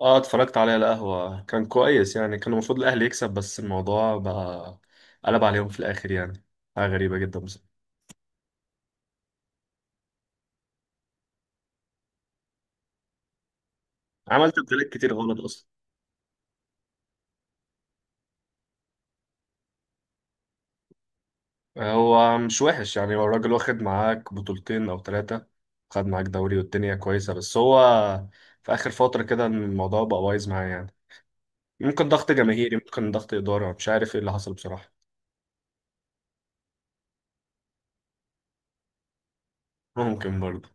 اه، اتفرجت عليه على القهوة، كان كويس يعني. كان المفروض الأهلي يكسب، بس الموضوع بقى قلب عليهم في الآخر يعني. حاجة غريبة جدا، بس عمل تبديلات كتير غلط أصلا. هو مش وحش يعني، هو الراجل واخد معاك بطولتين أو ثلاثة، خد معاك دوري والدنيا كويسة، بس هو في آخر فترة كده الموضوع بقى بايظ معاه يعني. ممكن ضغط جماهيري، ممكن ضغط إدارة، مش عارف إيه اللي حصل بصراحة. ممكن برضه.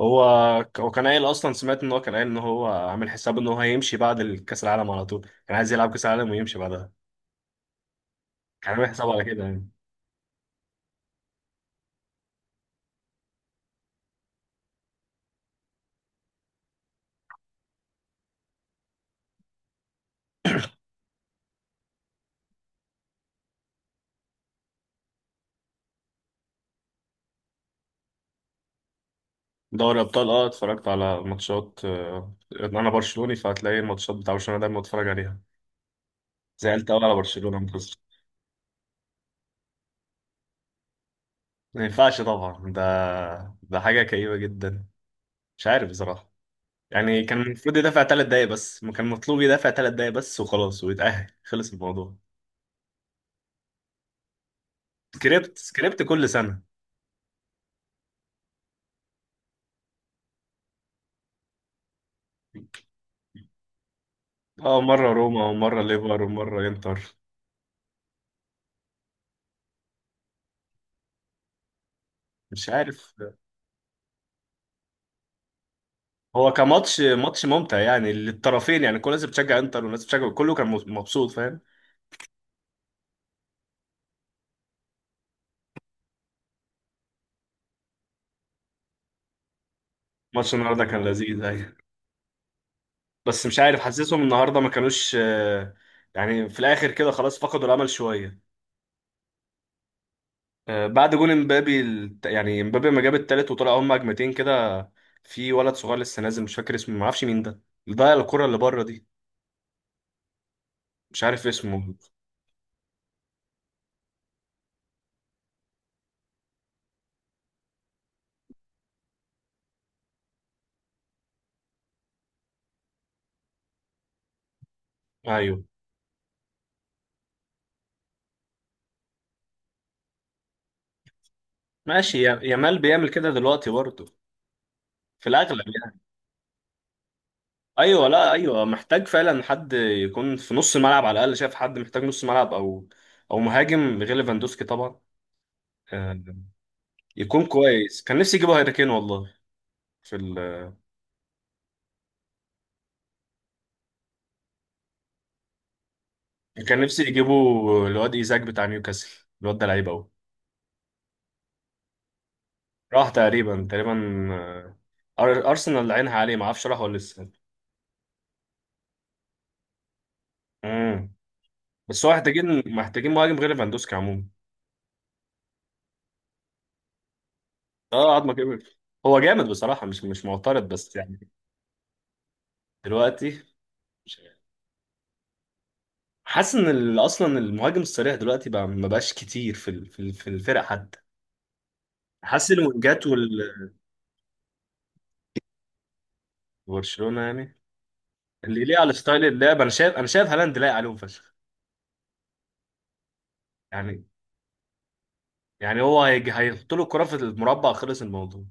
هو هو كان قايل اصلا، سمعت ان هو كان قايل ان هو عامل حساب ان هو هيمشي بعد الكاس العالم على طول. كان عايز يلعب كاس العالم ويمشي بعدها، كان عامل حسابه على كده يعني. دوري ابطال، اه اتفرجت على ماتشات. انا برشلوني، فهتلاقي الماتشات بتاع برشلونه دايما بتفرج عليها. زعلت قوي على برشلونه لما خسر. ما ينفعش طبعا ده حاجه كئيبه جدا. مش عارف بصراحه، يعني كان المفروض يدافع ثلاث دقايق بس. ما كان مطلوب يدافع ثلاث دقايق بس وخلاص ويتأهل، خلص الموضوع. سكريبت سكريبت كل سنه. اه، مرة روما ومرة ليفر ومرة انتر. مش عارف. هو كماتش، ماتش ممتع يعني للطرفين، يعني كل الناس بتشجع انتر والناس بتشجع، كله كان مبسوط فاهم. ماتش النهارده كان لذيذ ايوه، بس مش عارف، حاسسهم النهارده ما كانوش. يعني في الاخر كده خلاص فقدوا الامل شوية. بعد جون امبابي، يعني امبابي لما جاب التالت وطلع، هم هجمتين كده. في ولد صغير لسه نازل، مش فاكر اسمه، ما اعرفش مين ده، اللي ضيع الكرة اللي بره دي. مش عارف اسمه. ايوه، ماشي. يامال بيعمل كده دلوقتي برضه، في الاغلب يعني. ايوه، لا، ايوه، محتاج فعلا حد يكون في نص الملعب على الاقل. شايف حد محتاج نص ملعب، او مهاجم غير ليفاندوسكي طبعا. آه، يكون كويس. كان نفسي يجيبوا هاري كين والله في ال... كان نفسي يجيبوا الواد ايزاك بتاع نيوكاسل، الواد ده لعيب قوي. راح تقريبا تقريبا. آه، ارسنال عينها عليه، ما اعرفش راح ولا لسه. امم بس هو محتاجين مهاجم غير ليفاندوسكي عموما. اه، عظمه كبر. هو جامد بصراحه، مش معترض بس يعني. دلوقتي حاسس ان اصلا المهاجم الصريح دلوقتي بقى ما بقاش كتير في الفرق حتى. حاسس الوينجات وبرشلونه يعني. اللي يليق على ستايل اللعب، انا شايف هالاند لايق عليهم فشخ يعني يعني هو هيحط له الكره في المربع، خلص الموضوع.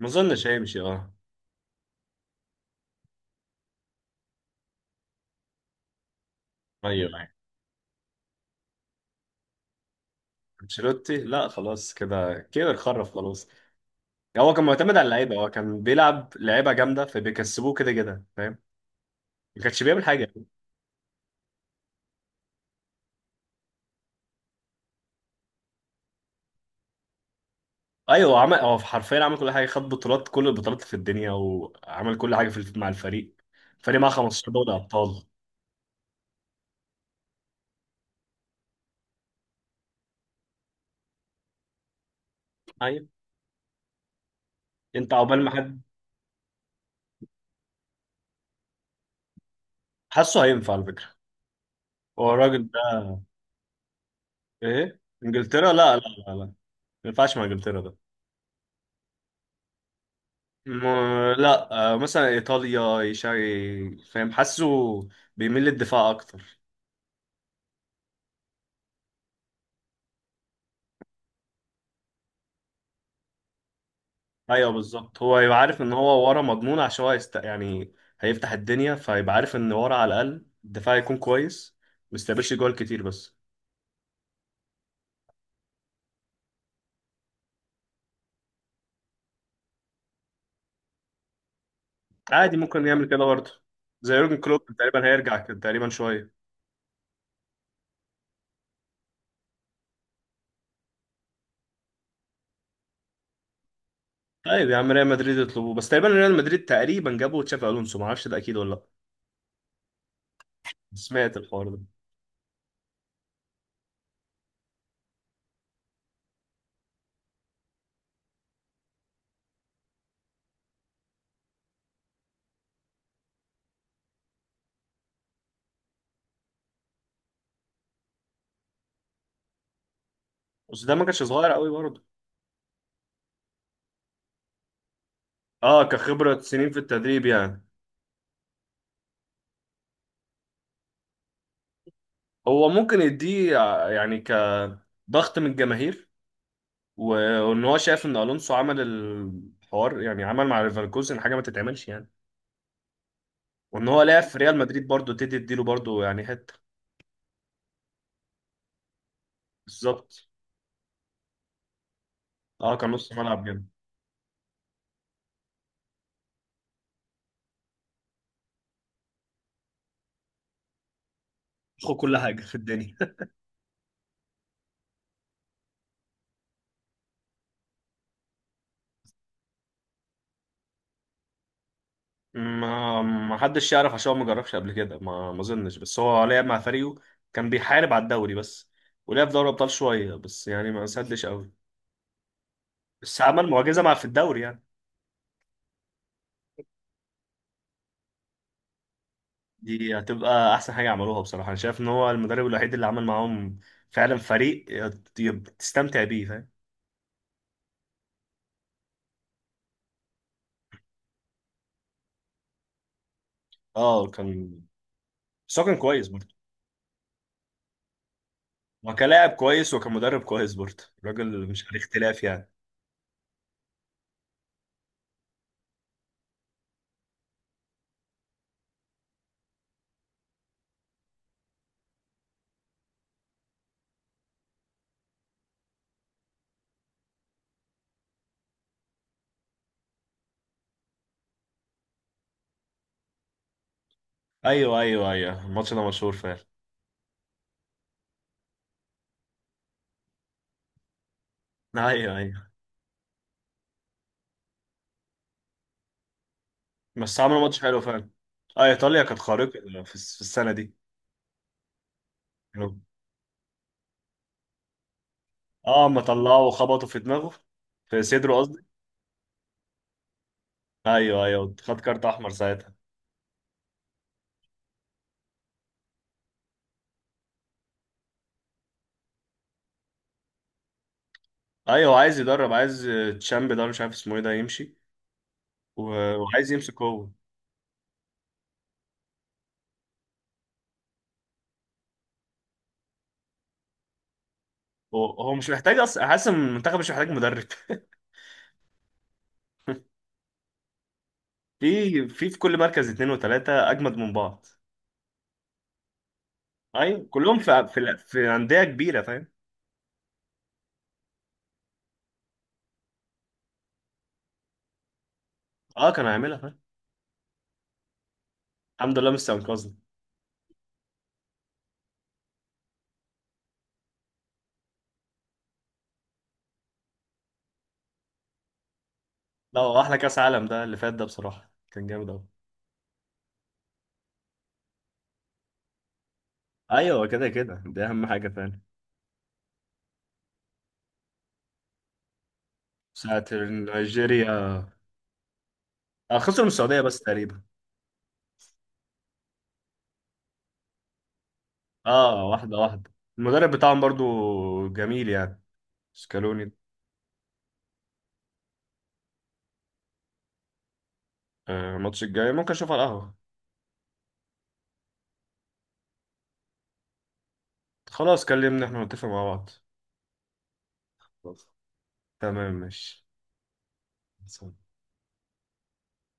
ما اظنش هيمشي اه. ايوه ايوه. انشيلوتي لا، خلاص كده كبر خرف خلاص. يعني هو كان معتمد على اللعيبه، هو كان بيلعب لعيبه جامده فبيكسبوه كده كده فاهم. ما كانش بيعمل حاجه. ايوه، هو عمل، هو حرفيا عمل كل حاجه. خد بطولات، كل البطولات في الدنيا، وعمل كل حاجه في مع الفريق. الفريق معاه 15 دوري ابطال. ايوه. انت عقبال ما حد، حاسه هينفع على فكره هو الراجل ده. ايه، انجلترا؟ لا لا. لا لا، ما ينفعش مع انجلترا ده. م... لا، مثلا ايطاليا يشاري فاهم. حاسه بيميل للدفاع اكتر. ايوه بالظبط، هو يبقى عارف ان هو ورا مضمون، عشان هو يعني هيفتح الدنيا، فيبقى عارف ان ورا على الاقل الدفاع يكون كويس، ما يستقبلش جوال كتير بس. عادي، ممكن يعمل كده برضه. زي يورجن كلوب تقريبا هيرجع كده تقريبا شويه. طيب يا عم، ريال مدريد يطلبوه بس. تقريبا ريال مدريد تقريبا جابوا تشافي الونسو، ما اعرفش ده اكيد ولا لا. سمعت الحوار ده. بس ده ما كانش صغير قوي برضه. اه، كخبره سنين في التدريب يعني. هو ممكن يديه، يعني كضغط من الجماهير، وان هو شايف ان الونسو عمل الحوار، يعني عمل مع ليفركوزن حاجه ما تتعملش يعني. وان هو لعب في ريال مدريد برضه، تديله برضه يعني حته. بالظبط. اه، كان نص ملعب جامد. خد كل حاجه في الدنيا. ما حدش يعرف، عشان هو ما جربش قبل كده. ما اظنش، بس هو لعب مع فريقه كان بيحارب على الدوري بس، ولعب في دوري ابطال شويه بس يعني ما سدش قوي. بس عمل معجزه مع في الدوري يعني. دي هتبقى احسن حاجه عملوها بصراحه. انا شايف ان هو المدرب الوحيد اللي عمل معاهم فعلا فريق تستمتع بيه فاهم. اه، بس هو كان كويس برضه. وكلاعب كويس وكمدرب كويس برضه، الراجل مش عليه اختلاف يعني. ايوه ايوه ايوه، الماتش ده مشهور فعلا. ايوه ايوه، بس عملوا ماتش حلو فعلا. اه، ايطاليا كانت خارقه في السنه دي. اه، اما طلعه وخبطوا في دماغه، في صدره قصدي. ايوه ايوه، خد كارت احمر ساعتها. ايوه، عايز يدرب، عايز تشامب ده، ولا مش عارف اسمه ايه ده، يمشي وعايز يمسك هو. هو مش محتاج اصلا، حاسس ان المنتخب مش محتاج مدرب في كل مركز اتنين وتلاته اجمد من بعض. ايوه، كلهم في انديه كبيره فاهم. اه، كان هيعملها فاهم. الحمد لله مش انقذنا. لا، هو احلى كاس عالم ده اللي فات ده بصراحه، كان جامد قوي. ايوه كده كده، دي اهم حاجه فعلا. ساعه نيجيريا. خسروا من السعوديه بس تقريبا. اه، واحده واحده. المدرب بتاعهم برضو جميل يعني، سكالوني. الماتش الجاي ممكن اشوفه على القهوه. خلاص، كلمني، احنا نتفق مع بعض. خلاص. تمام ماشي